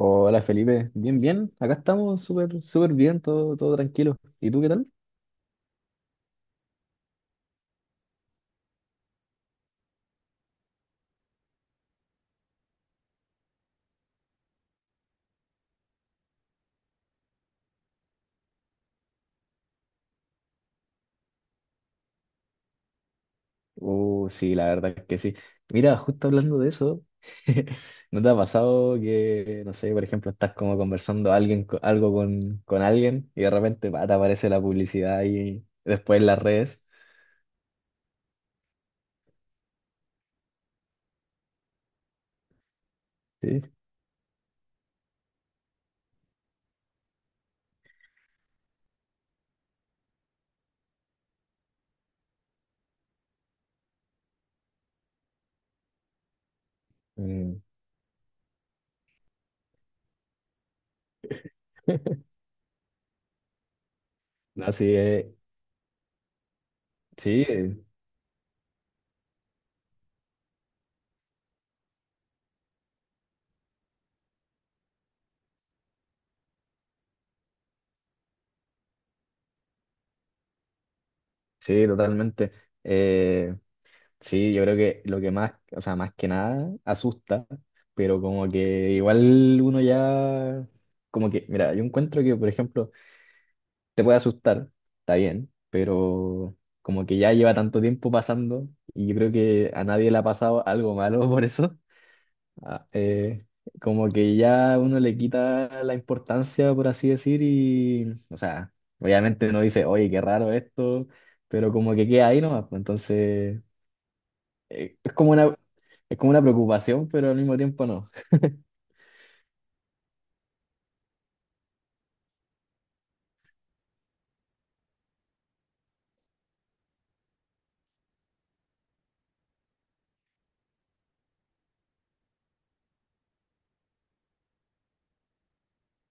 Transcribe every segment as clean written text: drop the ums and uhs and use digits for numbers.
Hola Felipe, bien, bien, acá estamos súper, súper bien, todo, todo tranquilo. ¿Y tú qué tal? Sí, la verdad es que sí. Mira, justo hablando de eso, ¿no te ha pasado que, no sé, por ejemplo, estás como conversando alguien, algo con alguien y de repente pa, te aparece la publicidad y después en las redes? Sí. Mm. No, sí, sí, sí, totalmente. Eh, Sí, yo creo que lo que más, o sea, más que nada asusta, pero como que igual uno ya, como que, mira, yo encuentro que, por ejemplo, te puede asustar, está bien, pero como que ya lleva tanto tiempo pasando y yo creo que a nadie le ha pasado algo malo por eso, ah, eh, como que ya uno le quita la importancia, por así decir, y, o sea, obviamente uno dice, oye, qué raro esto, pero como que queda ahí nomás, pues, entonces eh, es como una, es como una preocupación, pero al mismo tiempo no.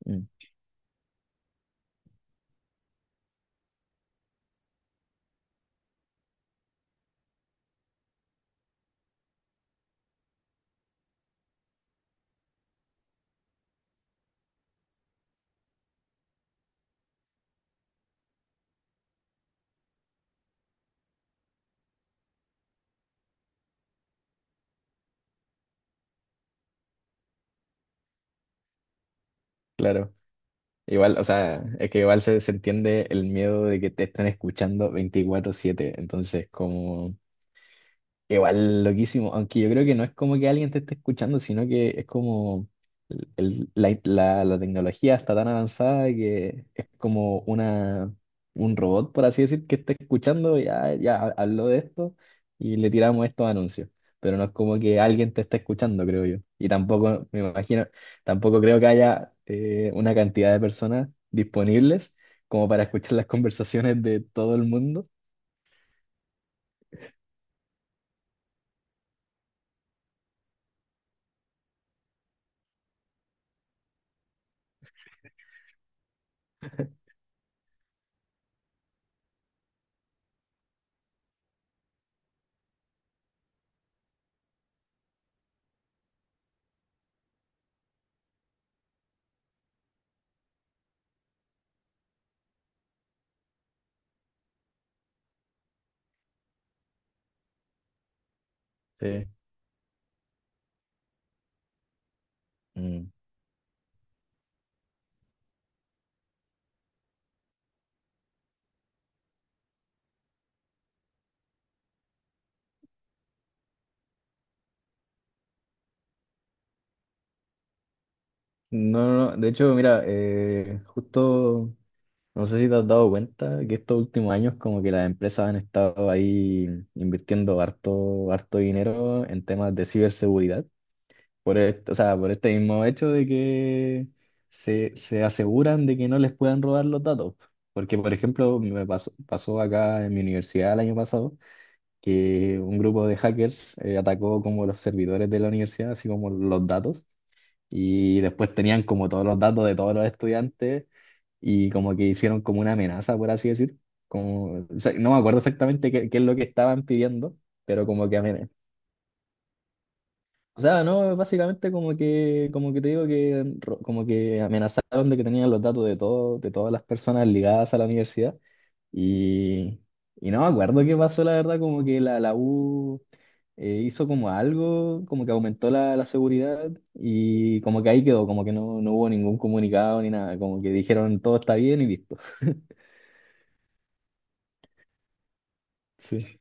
Mm. Claro. Igual, o sea, es que igual se entiende el miedo de que te están escuchando 24/7 entonces como. Igual, loquísimo, aunque yo creo que no es como que alguien te esté escuchando, sino que es como la tecnología está tan avanzada que es como una, un robot, por así decir, que está escuchando, ya, ya habló de esto y le tiramos estos anuncios, pero no es como que alguien te esté escuchando, creo yo. Y tampoco, me imagino, tampoco creo que haya una cantidad de personas disponibles como para escuchar las conversaciones de todo el mundo. Sí. No, no, no. De hecho, mira, justo, no sé si te has dado cuenta que estos últimos años como que las empresas han estado ahí invirtiendo harto, harto dinero en temas de ciberseguridad, por esto, o sea, por este mismo hecho de que se aseguran de que no les puedan robar los datos. Porque, por ejemplo, pasó acá en mi universidad el año pasado que un grupo de hackers atacó como los servidores de la universidad, así como los datos. Y después tenían como todos los datos de todos los estudiantes y como que hicieron como una amenaza, por así decir. Como, o sea, no me acuerdo exactamente qué, qué es lo que estaban pidiendo, pero como que amenazaron. O sea, no, básicamente como que te digo que como que amenazaron de que tenían los datos de todo, de todas las personas ligadas a la universidad y, y no me acuerdo qué pasó, la verdad, como que la U hizo como algo, como que aumentó la seguridad y como que ahí quedó, como que no, no hubo ningún comunicado ni nada, como que dijeron todo está bien y listo. Sí.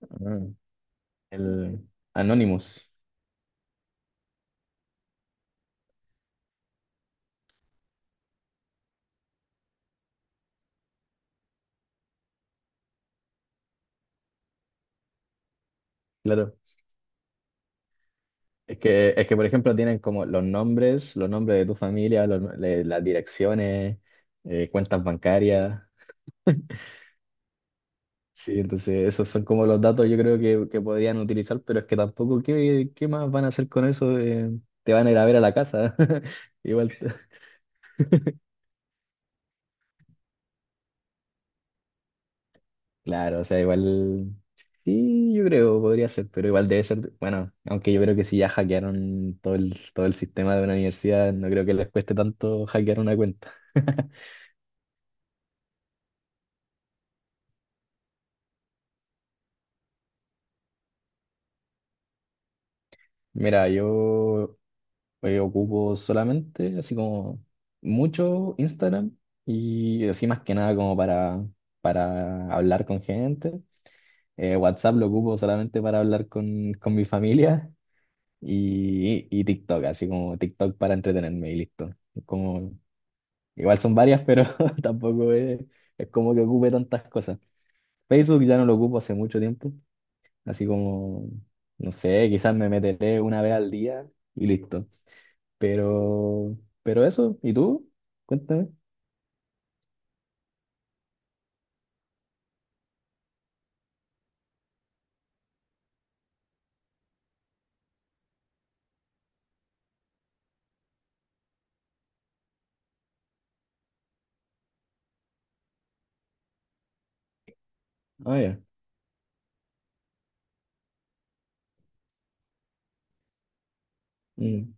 Ah, el Anonymous, claro. Es que, por ejemplo, tienen como los nombres de tu familia, las direcciones, cuentas bancarias. Sí, entonces esos son como los datos yo creo que podrían utilizar, pero es que tampoco, ¿qué, qué más van a hacer con eso? Te van a ir a ver a la casa. Igual, claro, o sea, igual, sí, yo creo, podría ser, pero igual debe ser, bueno, aunque yo creo que si ya hackearon todo el sistema de una universidad, no creo que les cueste tanto hackear una cuenta. Mira, yo ocupo solamente así como mucho Instagram y así más que nada como para hablar con gente. WhatsApp lo ocupo solamente para hablar con mi familia y TikTok, así como TikTok para entretenerme y listo. Como, igual son varias, pero tampoco es, es como que ocupe tantas cosas. Facebook ya no lo ocupo hace mucho tiempo, así como, no sé, quizás me meteré una vez al día y listo. Pero, pero eso, ¿y tú? Cuéntame. Ah, ya. Mm.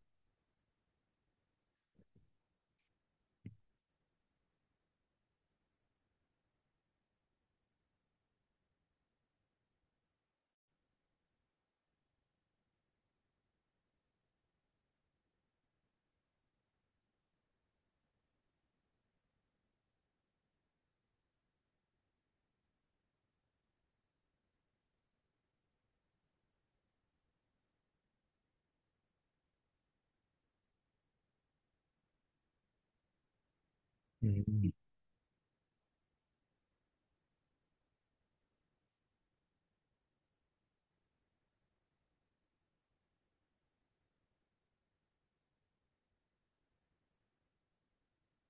Mm.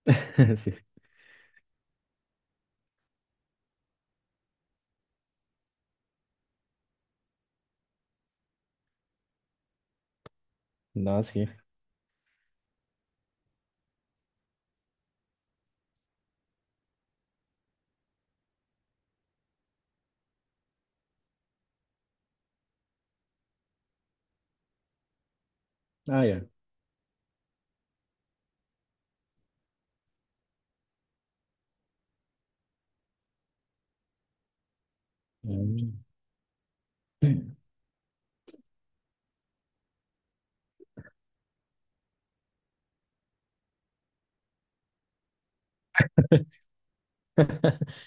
Sí. No, sí. Ah, ya. Mm.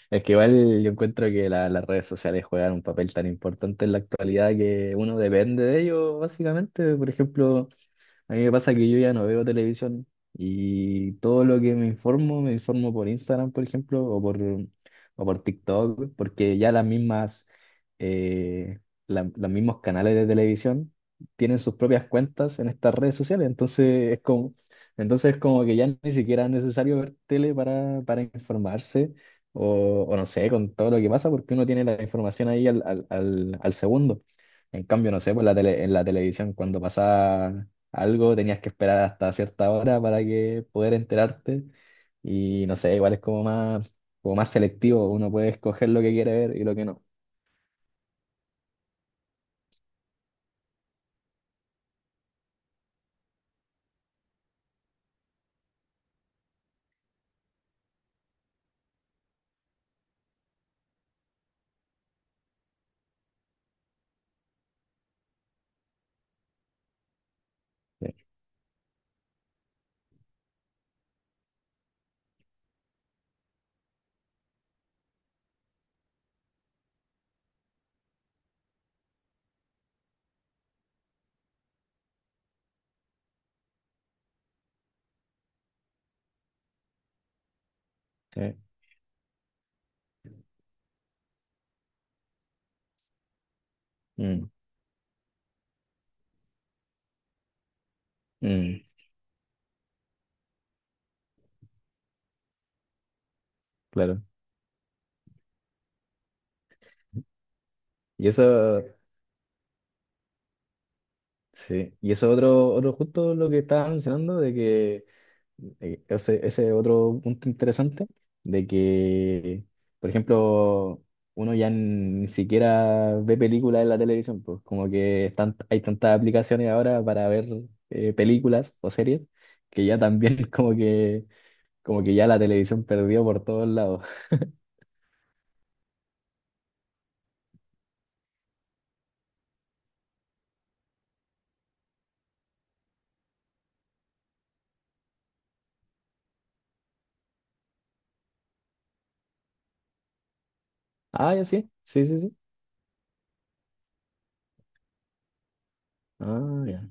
Es que igual yo encuentro que las redes sociales juegan un papel tan importante en la actualidad que uno depende de ellos, básicamente. Por ejemplo, a mí me pasa que yo ya no veo televisión y todo lo que me informo por Instagram, por ejemplo, o por TikTok, porque ya las mismas, eh, los mismos canales de televisión tienen sus propias cuentas en estas redes sociales, entonces es como que ya ni siquiera es necesario ver tele para informarse o no sé, con todo lo que pasa, porque uno tiene la información ahí al, al, al, al segundo. En cambio, no sé, pues en la televisión cuando pasaba algo, tenías que esperar hasta cierta hora para que poder enterarte. Y no sé, igual es como más selectivo, uno puede escoger lo que quiere ver y lo que no. Sí, sí. Mm, mm, claro. Y eso, sí. Y eso otro, otro justo lo que estaba mencionando, de que ese, ese es otro punto interesante, de que, por ejemplo, uno ya ni siquiera ve películas en la televisión, pues como que están, hay tantas aplicaciones ahora para ver películas o series, que ya también como que ya la televisión perdió por todos lados. Ah, ya, sí, sí, sí, sí. Ah, ya.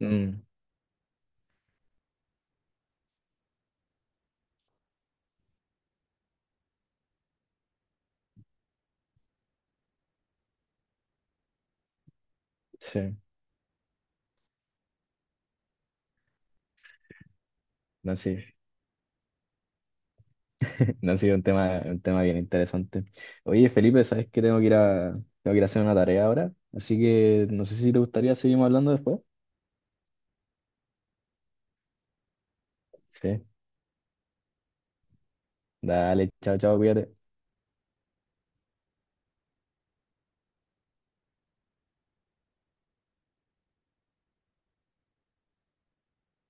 Mm, sí, no, sí. No ha sido un tema bien interesante. Oye, Felipe, sabes que tengo que ir a, tengo que ir a hacer una tarea ahora, así que no sé si te gustaría seguimos hablando después. Sí. Dale, chao, chao, cuídate.